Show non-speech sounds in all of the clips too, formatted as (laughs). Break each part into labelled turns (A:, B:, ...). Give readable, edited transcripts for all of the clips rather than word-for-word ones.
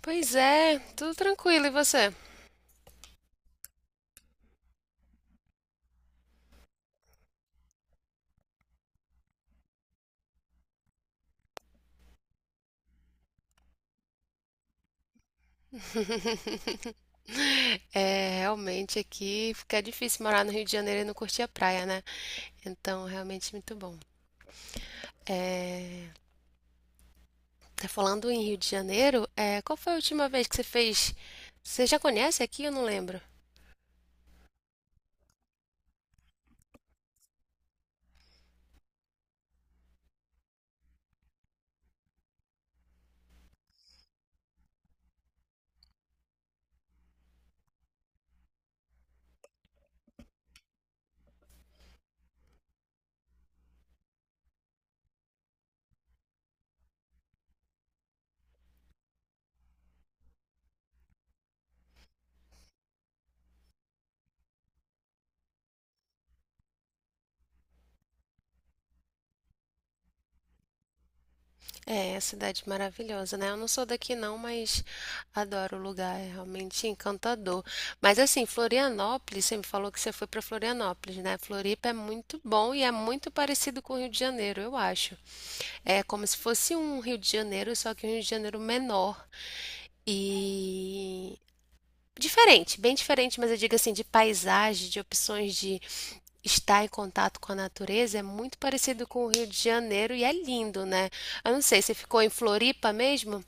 A: Pois é, tudo tranquilo, e você? (laughs) É, realmente aqui fica difícil morar no Rio de Janeiro e não curtir a praia, né? Então, realmente muito bom. É, tá falando em Rio de Janeiro, é, qual foi a última vez que você fez? Você já conhece aqui? Eu não lembro. É a cidade maravilhosa, né? Eu não sou daqui não, mas adoro o lugar, é realmente encantador. Mas assim, Florianópolis, você me falou que você foi para Florianópolis, né? Floripa é muito bom e é muito parecido com o Rio de Janeiro, eu acho. É como se fosse um Rio de Janeiro, só que um Rio de Janeiro menor. E diferente, bem diferente, mas eu digo assim, de paisagem, de opções de estar em contato com a natureza, é muito parecido com o Rio de Janeiro e é lindo, né? Eu não sei, você ficou em Floripa mesmo?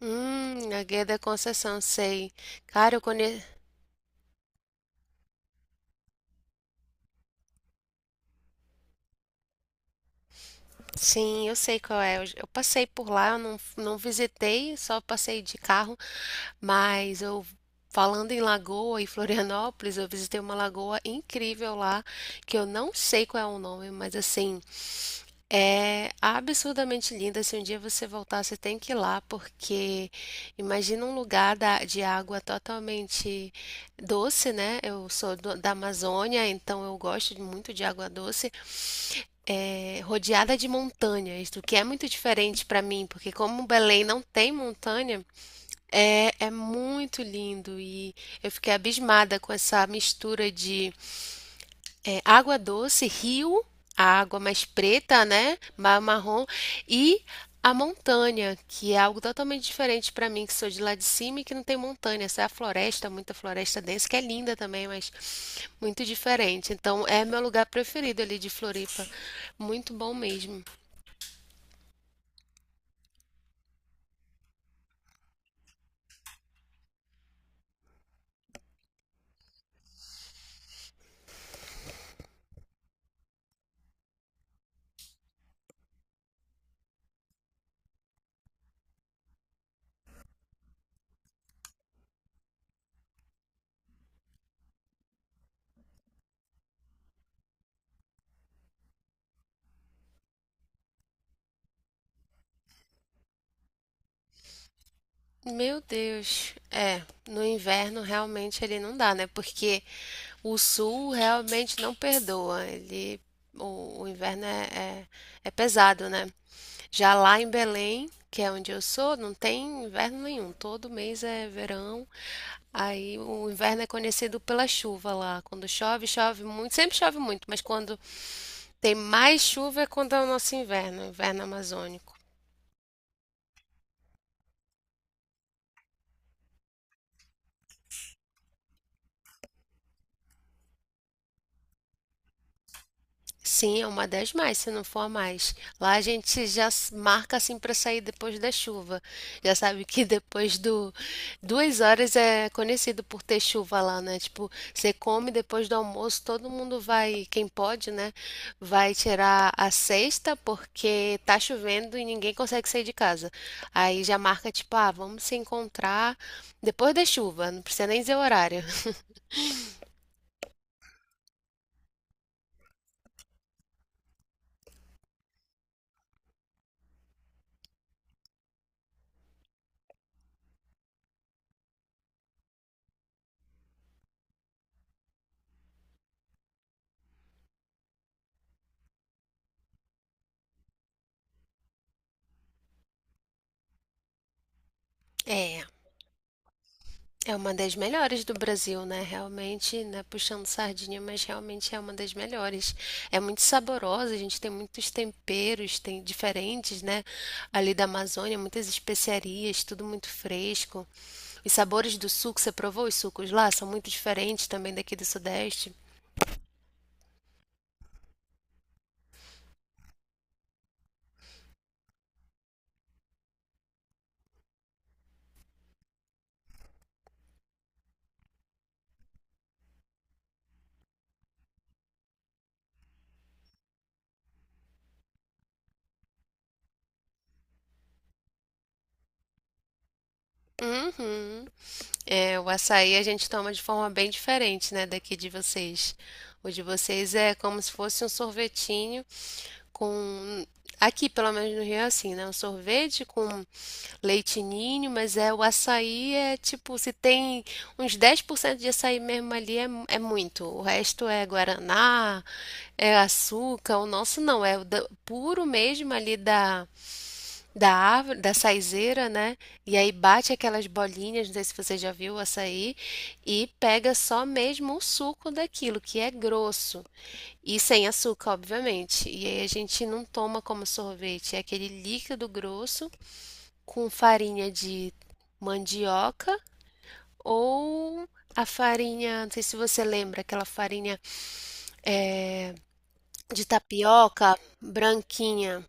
A: A Guia da Conceição, sei. Cara, eu conheço. Sim, eu sei qual é. Eu passei por lá, eu não visitei, só passei de carro, mas eu. Falando em lagoa e Florianópolis, eu visitei uma lagoa incrível lá, que eu não sei qual é o nome, mas assim, é absurdamente linda. Se um dia você voltar, você tem que ir lá, porque imagina um lugar de água totalmente doce, né? Eu sou da Amazônia, então eu gosto muito de água doce, é, rodeada de montanhas, o que é muito diferente para mim, porque como Belém não tem montanha, é muito lindo e eu fiquei abismada com essa mistura de água doce, rio, a água mais preta, né? Marrom, e a montanha, que é algo totalmente diferente para mim, que sou de lá de cima e que não tem montanha. Essa é a floresta, muita floresta densa, que é linda também, mas muito diferente. Então, é meu lugar preferido ali de Floripa. Muito bom mesmo. Meu Deus. No inverno realmente ele não dá, né? Porque o sul realmente não perdoa. O inverno é, é pesado, né? Já lá em Belém, que é onde eu sou, não tem inverno nenhum. Todo mês é verão. Aí o inverno é conhecido pela chuva lá. Quando chove, chove muito. Sempre chove muito, mas quando tem mais chuva é quando é o nosso inverno, o inverno amazônico. Sim, é uma das mais, se não for a mais. Lá a gente marca assim para sair depois da chuva. Já sabe que depois do 2 horas é conhecido por ter chuva lá, né? Tipo, você come depois do almoço, todo mundo vai, quem pode, né? Vai tirar a cesta porque tá chovendo e ninguém consegue sair de casa. Aí já marca tipo, ah, vamos se encontrar depois da chuva, não precisa nem dizer o horário. (laughs) É. É uma das melhores do Brasil, né, realmente, né, puxando sardinha, mas realmente é uma das melhores. É muito saborosa, a gente tem muitos temperos, tem diferentes, né, ali da Amazônia, muitas especiarias, tudo muito fresco. Os sabores do suco, você provou os sucos lá? São muito diferentes também daqui do Sudeste. Uhum. É, o açaí a gente toma de forma bem diferente, né, daqui de vocês. O de vocês é como se fosse um sorvetinho com. Aqui, pelo menos no Rio, é assim, né? Um sorvete com leite ninho, mas é o açaí é tipo, se tem uns 10% de açaí mesmo ali é, é muito. O resto é guaraná, é açúcar. O nosso não, é o puro mesmo ali da árvore, da saizeira, né? E aí bate aquelas bolinhas, não sei se você já viu o açaí, e pega só mesmo o suco daquilo, que é grosso, e sem açúcar, obviamente. E aí a gente não toma como sorvete, é aquele líquido grosso com farinha de mandioca ou a farinha, não sei se você lembra, aquela farinha eh, de tapioca branquinha.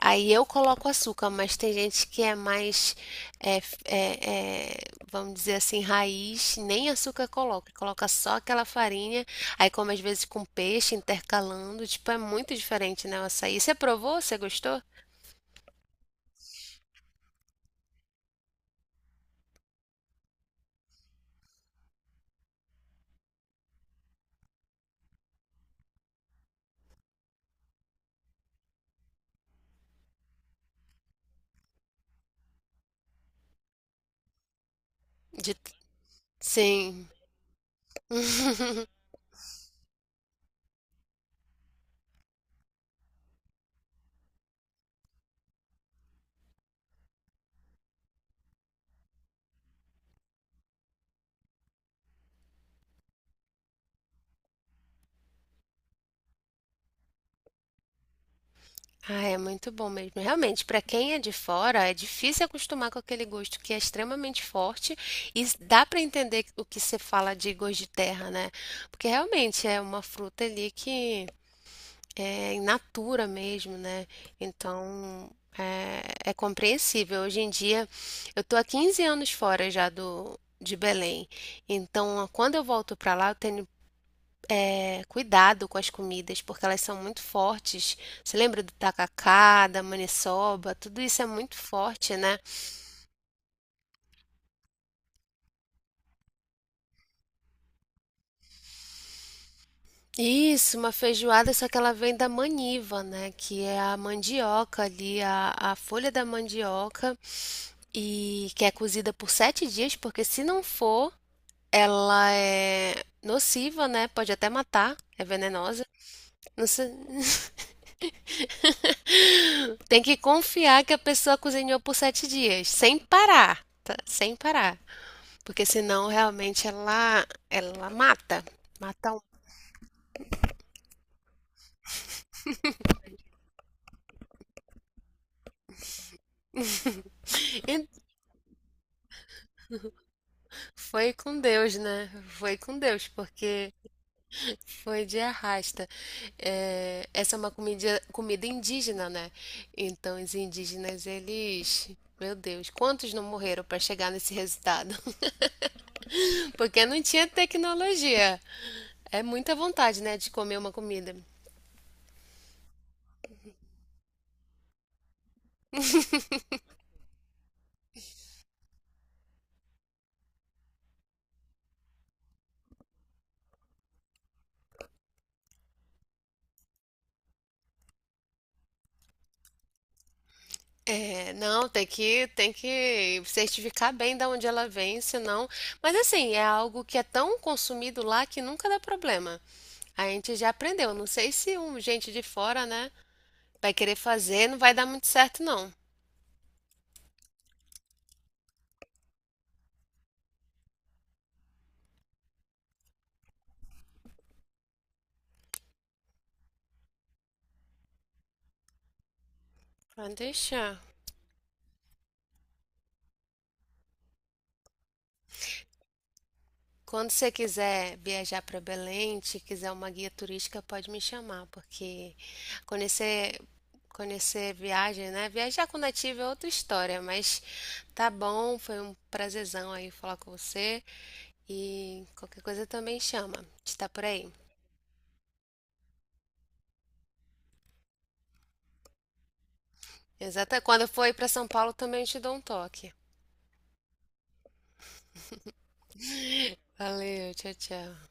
A: Aí eu coloco açúcar, mas tem gente que é mais, é, f- é, é, vamos dizer assim, raiz, nem açúcar coloca, coloca só aquela farinha, aí come às vezes com peixe, intercalando, tipo, é muito diferente, né, o açaí. Você provou? Você gostou? De- Sim. (laughs) Ah, é muito bom mesmo. Realmente, para quem é de fora, é difícil acostumar com aquele gosto que é extremamente forte e dá para entender o que você fala de gosto de terra, né? Porque realmente é uma fruta ali que é in natura mesmo, né? Então é, é compreensível. Hoje em dia eu tô há 15 anos fora já do de Belém. Então, quando eu volto para lá, eu tenho cuidado com as comidas, porque elas são muito fortes. Você lembra do tacacá, da maniçoba? Tudo isso é muito forte, né? Isso, uma feijoada, só que ela vem da maniva, né? Que é a mandioca ali, a folha da mandioca, e que é cozida por 7 dias, porque se não for, ela é nociva, né? Pode até matar, é venenosa. Não se- Tem que confiar que a pessoa cozinhou por 7 dias, sem parar, tá? Sem parar, porque senão realmente ela mata. Mata um. (laughs) Foi com Deus, né? Foi com Deus, porque. Foi de arrasta. É, essa é uma comida, comida indígena, né? Então, os indígenas, eles. Meu Deus, quantos não morreram para chegar nesse resultado? (laughs) Porque não tinha tecnologia. É muita vontade, né, de comer uma comida. É, não, tem que certificar bem da onde ela vem, senão. Mas assim, é algo que é tão consumido lá que nunca dá problema. A gente já aprendeu. Não sei se um gente de fora, né, vai querer fazer, não vai dar muito certo, não. Pode deixar. Quando você quiser viajar para Belém, se quiser uma guia turística, pode me chamar, porque conhecer, conhecer viagem, né? Viajar com nativo é outra história, mas tá bom, foi um prazerzão aí falar com você. E qualquer coisa também chama. A gente tá por aí. Exata. Quando eu for aí para São Paulo, também te dou um toque. Valeu, tchau, tchau.